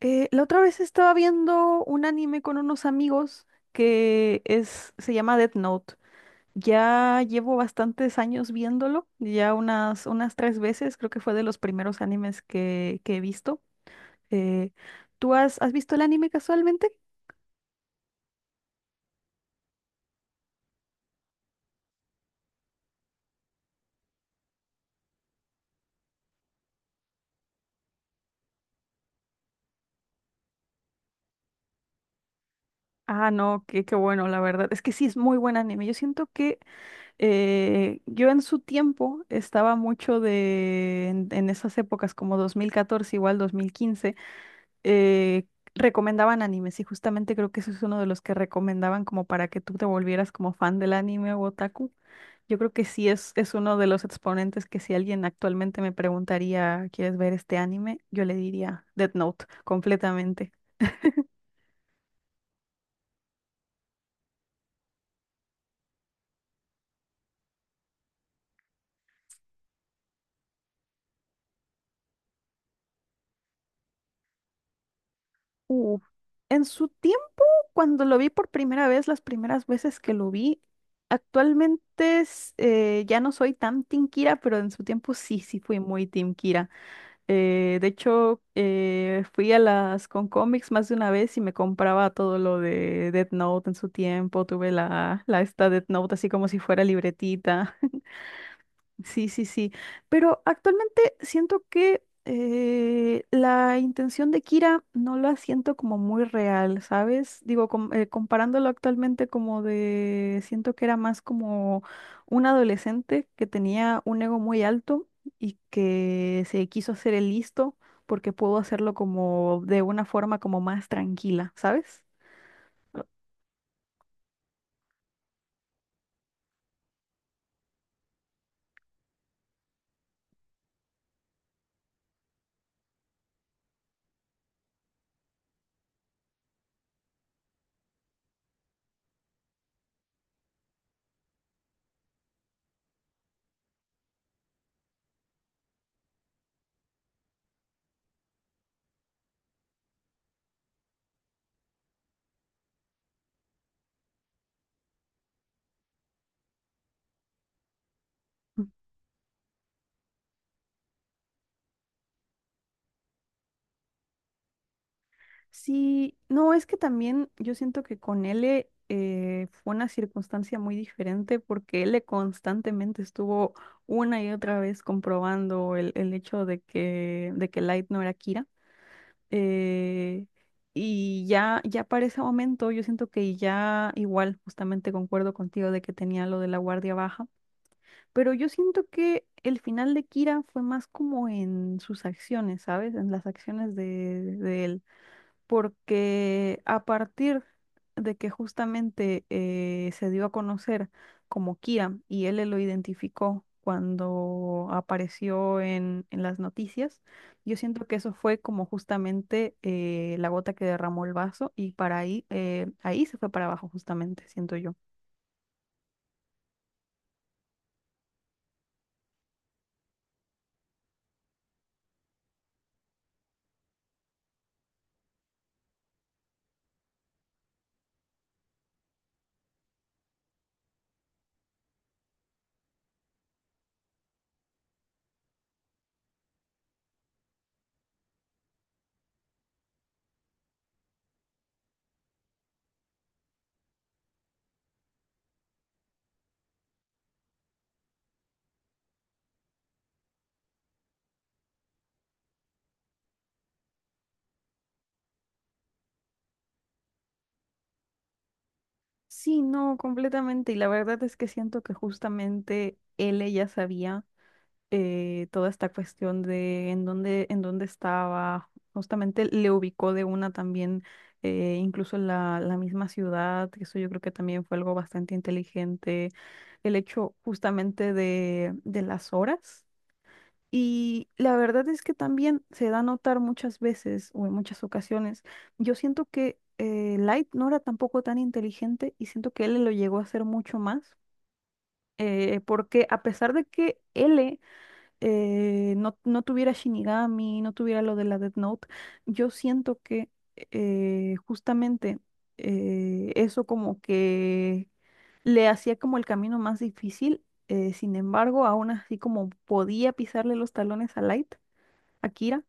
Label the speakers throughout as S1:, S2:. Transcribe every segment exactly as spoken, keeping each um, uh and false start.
S1: Eh, la otra vez estaba viendo un anime con unos amigos que es, se llama Death Note. Ya llevo bastantes años viéndolo, ya unas, unas tres veces, creo que fue de los primeros animes que, que he visto. Eh, ¿Tú has, has visto el anime casualmente? Ah, no, qué, qué bueno, la verdad. Es que sí, es muy buen anime. Yo siento que eh, yo en su tiempo estaba mucho de, en, en esas épocas como dos mil catorce, igual dos mil quince. eh, Recomendaban animes y justamente creo que eso es uno de los que recomendaban como para que tú te volvieras como fan del anime o otaku. Yo creo que sí es, es uno de los exponentes que, si alguien actualmente me preguntaría, ¿quieres ver este anime? Yo le diría Death Note completamente. Uh, en su tiempo, cuando lo vi por primera vez, las primeras veces que lo vi, actualmente es, eh, ya no soy tan Team Kira, pero en su tiempo sí, sí fui muy Team Kira. Eh, de hecho, eh, fui a las con cómics más de una vez y me compraba todo lo de Death Note en su tiempo. Tuve la, la esta Death Note así como si fuera libretita. Sí, sí, sí. Pero actualmente siento que eh, la intención de Kira no la siento como muy real, ¿sabes? Digo, com- eh, comparándolo actualmente como de, siento que era más como un adolescente que tenía un ego muy alto y que se quiso hacer el listo porque pudo hacerlo como de una forma como más tranquila, ¿sabes? Sí, no, es que también yo siento que con L eh, fue una circunstancia muy diferente porque L constantemente estuvo una y otra vez comprobando el, el hecho de que, de que Light no era Kira. eh, y ya, ya para ese momento yo siento que ya igual, justamente concuerdo contigo de que tenía lo de la guardia baja, pero yo siento que el final de Kira fue más como en sus acciones, ¿sabes? En las acciones de de él porque a partir de que justamente eh, se dio a conocer como Kira y él lo identificó cuando apareció en, en las noticias, yo siento que eso fue como justamente eh, la gota que derramó el vaso y para ahí, eh, ahí se fue para abajo justamente, siento yo. Sí, no, completamente. Y la verdad es que siento que justamente él ya sabía. Eh, toda esta cuestión de en dónde, en dónde estaba, justamente le ubicó de una también, eh, incluso la, la misma ciudad, que eso yo creo que también fue algo bastante inteligente, el hecho justamente de, de las horas. Y la verdad es que también se da a notar muchas veces o en muchas ocasiones, yo siento que eh, Light no era tampoco tan inteligente y siento que L lo llegó a hacer mucho más, eh, porque a pesar de que L eh, no, no tuviera Shinigami, no tuviera lo de la Death Note, yo siento que eh, justamente eh, eso como que le hacía como el camino más difícil. Eh, sin embargo, aún así como podía pisarle los talones a Light, a Kira,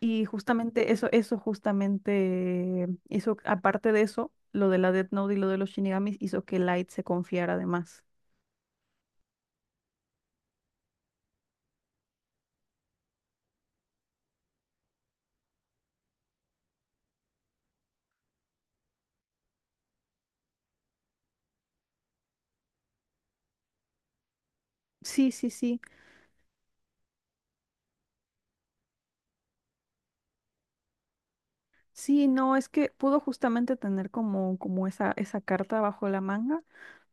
S1: y justamente eso, eso justamente, eso, aparte de eso, lo de la Death Note y lo de los Shinigamis hizo que Light se confiara de más. Sí, sí, sí. Sí, no, es que pudo justamente tener como, como esa, esa carta bajo la manga,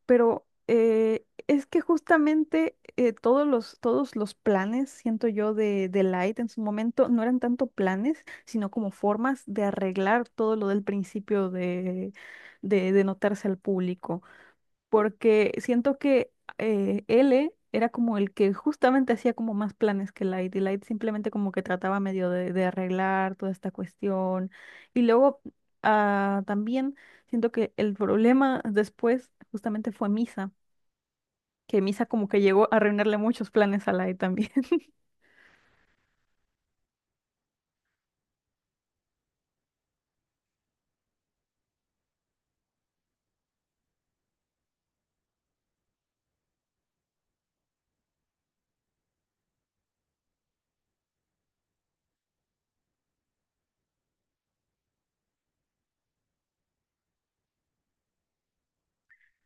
S1: pero eh, es que justamente eh, todos los, todos los planes, siento yo, de, de Light en su momento no eran tanto planes, sino como formas de arreglar todo lo del principio de, de, de notarse al público porque siento que eh, L era como el que justamente hacía como más planes que Light, y Light simplemente como que trataba medio de, de arreglar toda esta cuestión. Y luego ah, también siento que el problema después justamente fue Misa, que Misa como que llegó a arruinarle muchos planes a Light también.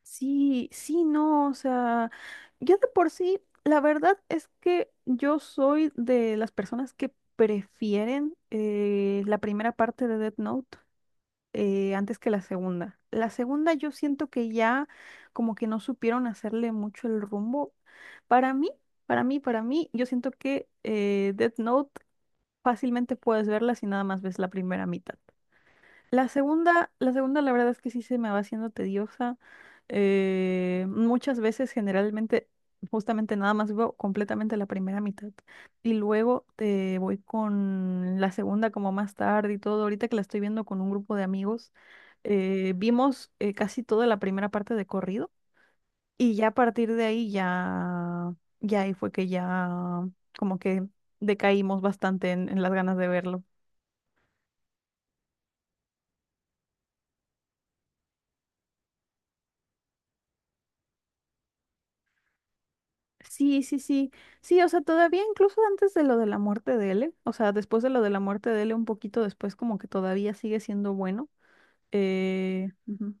S1: Sí, sí, no, o sea, yo de por sí, la verdad es que yo soy de las personas que prefieren eh, la primera parte de Death Note. Eh, antes que la segunda. La segunda yo siento que ya como que no supieron hacerle mucho el rumbo. Para mí, para mí, para mí, yo siento que eh, Death Note fácilmente puedes verla si nada más ves la primera mitad. La segunda, la segunda, la verdad es que sí se me va haciendo tediosa. Eh, muchas veces, generalmente, justamente nada más veo completamente la primera mitad. Y luego te voy con la segunda como más tarde y todo. Ahorita que la estoy viendo con un grupo de amigos, eh, vimos eh, casi toda la primera parte de corrido. Y ya a partir de ahí ya, ya ahí fue que ya como que decaímos bastante en en las ganas de verlo. Sí, sí, sí. Sí, o sea, todavía incluso antes de lo de la muerte de L, o sea, después de lo de la muerte de L, un poquito después, como que todavía sigue siendo bueno. Eh, ujú.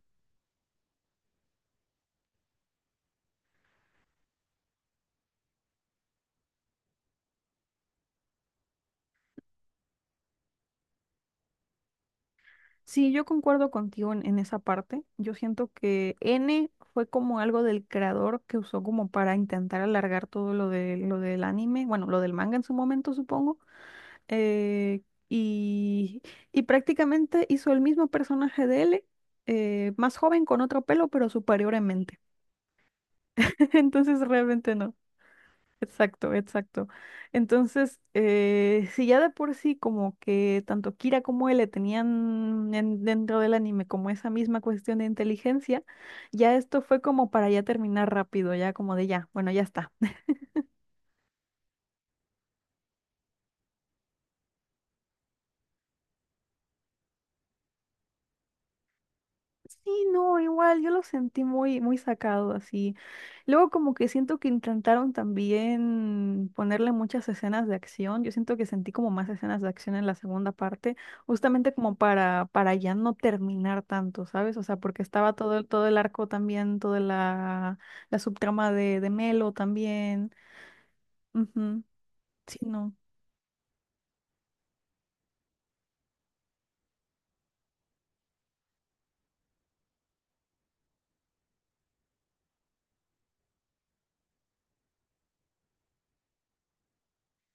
S1: Sí, yo concuerdo contigo en, en esa parte. Yo siento que N fue como algo del creador que usó como para intentar alargar todo lo de lo del anime, bueno, lo del manga en su momento, supongo. Eh, y, y prácticamente hizo el mismo personaje de L, eh, más joven, con otro pelo, pero superior en mente. Entonces realmente no. Exacto, exacto. Entonces, eh, si ya de por sí como que tanto Kira como él le tenían en- dentro del anime como esa misma cuestión de inteligencia, ya esto fue como para ya terminar rápido, ya como de ya, bueno, ya está. Sí, no, igual, yo lo sentí muy, muy sacado así. Luego como que siento que intentaron también ponerle muchas escenas de acción. Yo siento que sentí como más escenas de acción en la segunda parte, justamente como para, para ya no terminar tanto, ¿sabes? O sea, porque estaba todo el, todo el arco también, toda la, la subtrama de, de Melo también. Ujú, sí, no.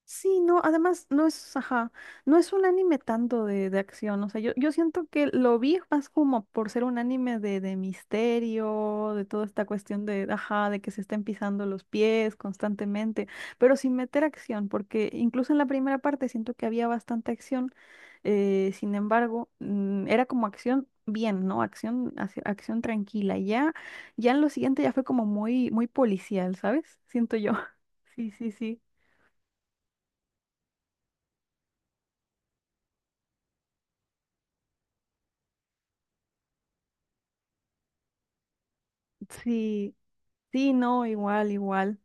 S1: Sí, no, además no es, ajá, no es un anime tanto de, de acción, o sea, yo, yo siento que lo vi más como por ser un anime de, de misterio, de toda esta cuestión de, ajá, de que se estén pisando los pies constantemente, pero sin meter acción, porque incluso en la primera parte siento que había bastante acción, eh, sin embargo, mm, era como acción bien, ¿no? Acción, hacia- acción tranquila, y ya, ya en lo siguiente ya fue como muy, muy policial, ¿sabes? Siento yo. Sí, sí, sí. Sí, sí, no, igual, igual.